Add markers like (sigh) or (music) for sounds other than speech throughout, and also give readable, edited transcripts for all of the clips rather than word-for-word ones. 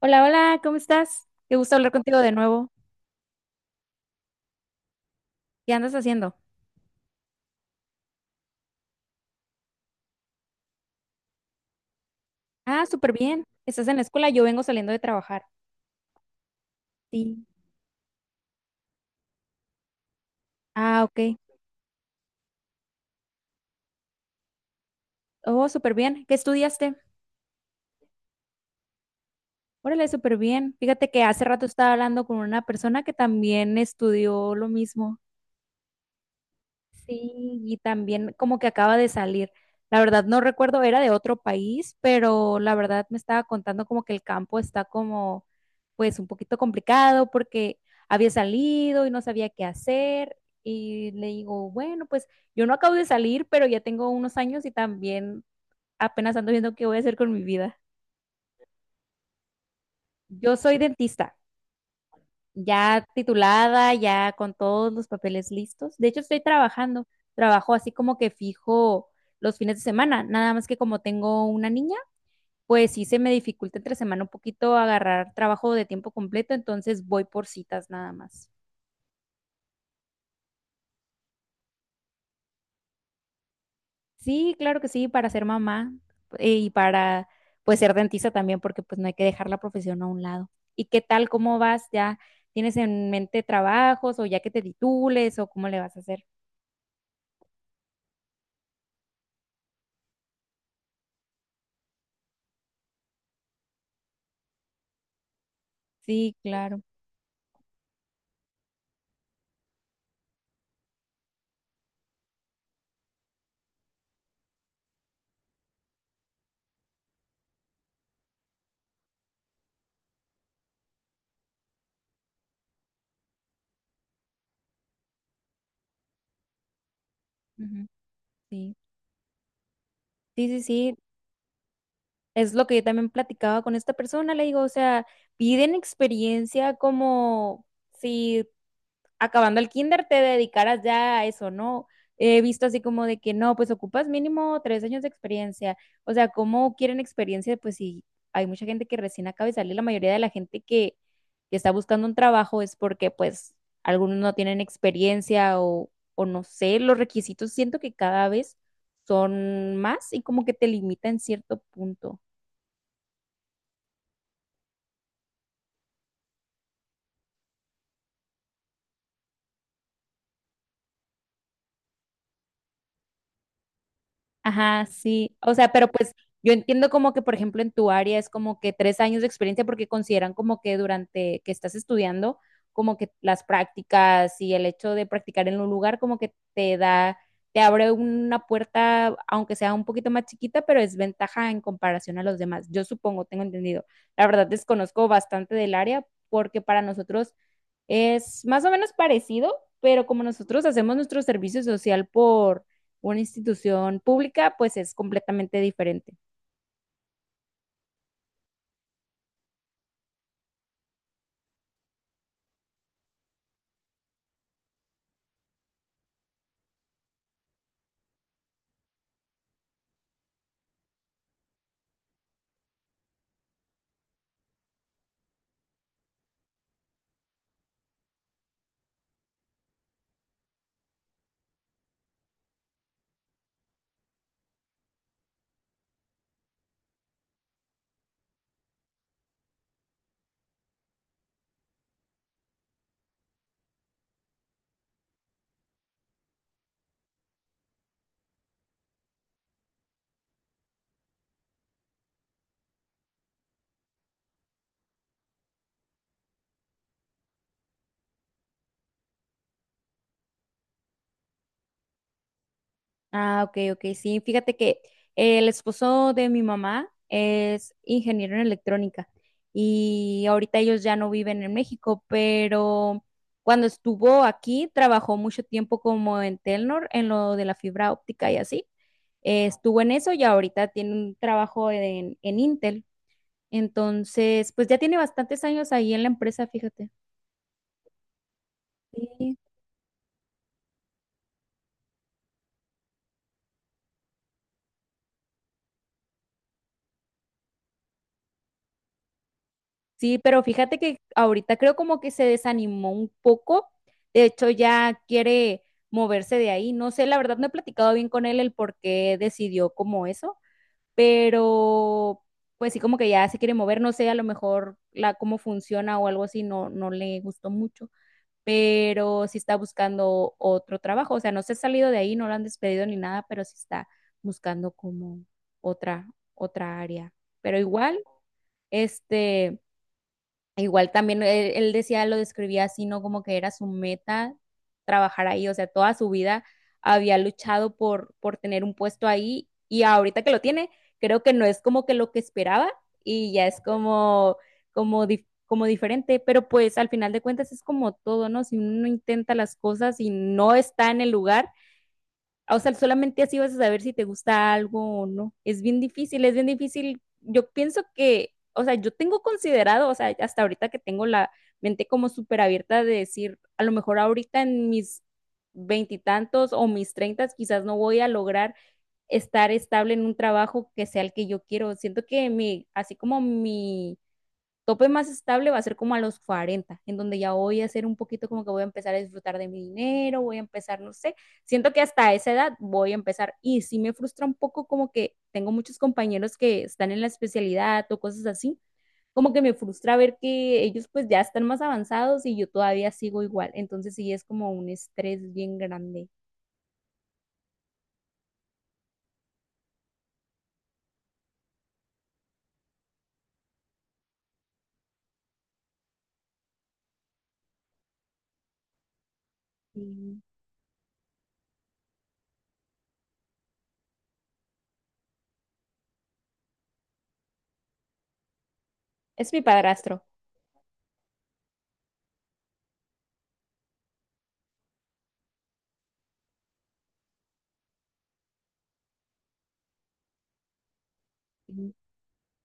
Hola, hola, ¿cómo estás? Qué gusto hablar contigo de nuevo. ¿Qué andas haciendo? Ah, súper bien. ¿Estás en la escuela? Yo vengo saliendo de trabajar. Sí. Ah, ok. Oh, súper bien. ¿Qué estudiaste? Órale, súper bien. Fíjate que hace rato estaba hablando con una persona que también estudió lo mismo. Sí, y también como que acaba de salir. La verdad no recuerdo, era de otro país, pero la verdad me estaba contando como que el campo está como pues un poquito complicado porque había salido y no sabía qué hacer. Y le digo, bueno, pues yo no acabo de salir, pero ya tengo unos años y también apenas ando viendo qué voy a hacer con mi vida. Yo soy dentista, ya titulada, ya con todos los papeles listos. De hecho, estoy trabajando, trabajo así como que fijo los fines de semana, nada más que como tengo una niña, pues sí se me dificulta entre semana un poquito agarrar trabajo de tiempo completo, entonces voy por citas nada más. Sí, claro que sí, para ser mamá, y para pues ser dentista también, porque pues no hay que dejar la profesión a un lado. ¿Y qué tal? ¿Cómo vas? ¿Ya tienes en mente trabajos o ya que te titules o cómo le vas a hacer? Sí, claro. Sí, sí, sí, sí, es lo que yo también platicaba con esta persona, le digo, o sea, piden experiencia como si acabando el kinder te dedicaras ya a eso, ¿no? He visto así como de que no, pues ocupas mínimo 3 años de experiencia. O sea, ¿cómo quieren experiencia? Pues si hay mucha gente que recién acaba de salir, la mayoría de la gente que está buscando un trabajo es porque pues algunos no tienen experiencia o no sé, los requisitos siento que cada vez son más y como que te limitan en cierto punto. Ajá, sí. O sea, pero pues yo entiendo como que, por ejemplo, en tu área es como que 3 años de experiencia porque consideran como que durante que estás estudiando, como que las prácticas y el hecho de practicar en un lugar como que te da, te abre una puerta, aunque sea un poquito más chiquita, pero es ventaja en comparación a los demás. Yo supongo, tengo entendido. La verdad desconozco bastante del área porque para nosotros es más o menos parecido, pero como nosotros hacemos nuestro servicio social por una institución pública, pues es completamente diferente. Ah, ok, ok, sí. Fíjate que el esposo de mi mamá es ingeniero en electrónica y ahorita ellos ya no viven en México, pero cuando estuvo aquí trabajó mucho tiempo como en Telnor, en lo de la fibra óptica y así. Estuvo en eso y ahorita tiene un trabajo en Intel. Entonces, pues ya tiene bastantes años ahí en la empresa, fíjate. Sí. Sí, pero fíjate que ahorita creo como que se desanimó un poco. De hecho, ya quiere moverse de ahí. No sé, la verdad no he platicado bien con él el por qué decidió como eso, pero pues sí como que ya se quiere mover. No sé, a lo mejor la cómo funciona o algo así no, no le gustó mucho, pero sí está buscando otro trabajo. O sea, no se ha salido de ahí, no lo han despedido ni nada, pero sí está buscando como otra, otra área. Pero igual, este, igual también él decía, lo describía así, ¿no? Como que era su meta trabajar ahí, o sea, toda su vida había luchado por tener un puesto ahí y ahorita que lo tiene, creo que no es como que lo que esperaba y ya es como, como diferente, pero pues al final de cuentas es como todo, ¿no? Si uno intenta las cosas y no está en el lugar, o sea, solamente así vas a saber si te gusta algo o no. Es bien difícil, es bien difícil. Yo pienso que, o sea, yo tengo considerado, o sea, hasta ahorita que tengo la mente como súper abierta de decir, a lo mejor ahorita en mis veintitantos o mis treintas, quizás no voy a lograr estar estable en un trabajo que sea el que yo quiero. Siento que mi, así como mi tope más estable va a ser como a los 40 en donde ya voy a ser un poquito como que voy a empezar a disfrutar de mi dinero, voy a empezar, no sé, siento que hasta esa edad voy a empezar y sí me frustra un poco como que tengo muchos compañeros que están en la especialidad o cosas así, como que me frustra ver que ellos pues ya están más avanzados y yo todavía sigo igual, entonces sí es como un estrés bien grande. Sí. Es mi padrastro.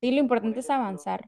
Sí, lo importante es avanzar.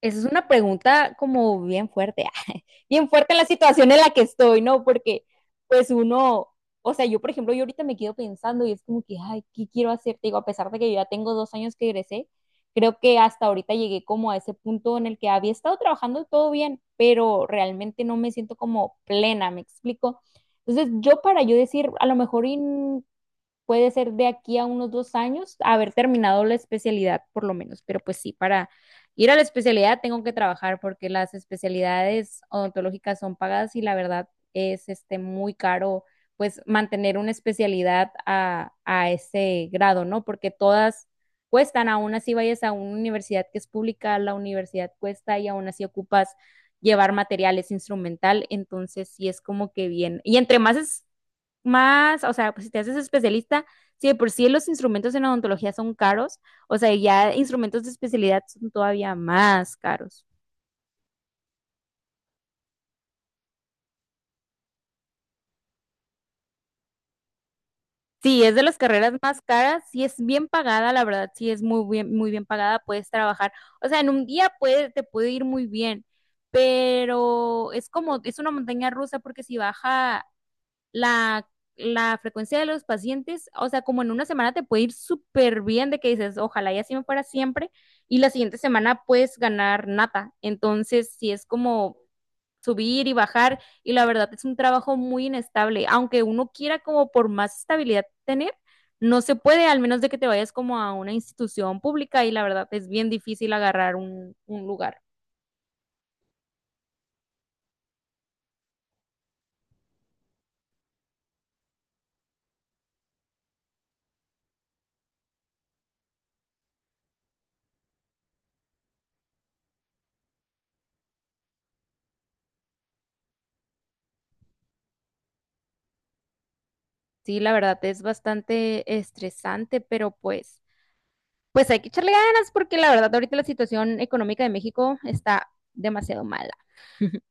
Esa es una pregunta como bien fuerte, (laughs) bien fuerte en la situación en la que estoy, ¿no? Porque pues uno, o sea, yo por ejemplo, yo ahorita me quedo pensando y es como que, ay, ¿qué quiero hacer? Te digo, a pesar de que yo ya tengo 2 años que egresé, creo que hasta ahorita llegué como a ese punto en el que había estado trabajando todo bien, pero realmente no me siento como plena, ¿me explico? Entonces, yo para yo decir, a lo mejor y puede ser de aquí a unos 2 años haber terminado la especialidad, por lo menos. Pero pues sí, para ir a la especialidad tengo que trabajar porque las especialidades odontológicas son pagadas y la verdad es este muy caro pues mantener una especialidad a ese grado, ¿no? Porque todas cuestan, aún así vayas a una universidad que es pública, la universidad cuesta y aún así ocupas llevar materiales instrumental, entonces sí es como que bien. Y entre más es más, o sea, pues si te haces especialista, sí, de por sí los instrumentos en odontología son caros, o sea, ya instrumentos de especialidad son todavía más caros. Sí, es de las carreras más caras, sí es bien pagada, la verdad, sí es muy bien pagada, puedes trabajar, o sea, en un día puede, te puede ir muy bien, pero es como, es una montaña rusa porque si baja la, la frecuencia de los pacientes, o sea, como en una semana te puede ir súper bien de que dices, ojalá y así me fuera siempre, y la siguiente semana puedes ganar nada. Entonces, si es como subir y bajar, y la verdad es un trabajo muy inestable, aunque uno quiera como por más estabilidad tener, no se puede, al menos de que te vayas como a una institución pública y la verdad es bien difícil agarrar un lugar. Sí, la verdad es bastante estresante, pero pues hay que echarle ganas porque la verdad ahorita la situación económica de México está demasiado mala. (laughs)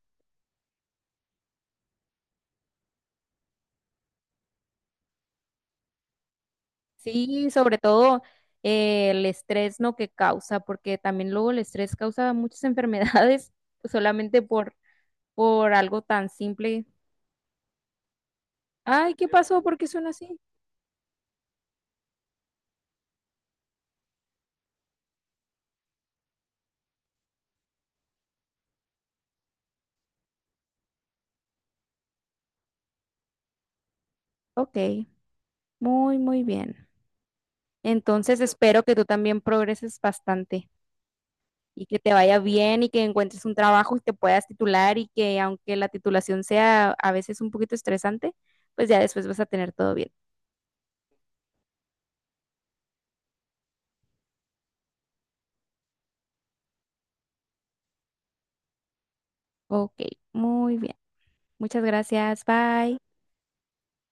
Sí, sobre todo el estrés, ¿no? Que causa, porque también luego el estrés causa muchas enfermedades (laughs) solamente por algo tan simple. Ay, ¿qué pasó? ¿Por qué suena así? Ok, muy, muy bien. Entonces espero que tú también progreses bastante y que te vaya bien y que encuentres un trabajo y te puedas titular y que aunque la titulación sea a veces un poquito estresante, pues ya después vas a tener todo bien. Ok, muy bien. Muchas gracias. Bye.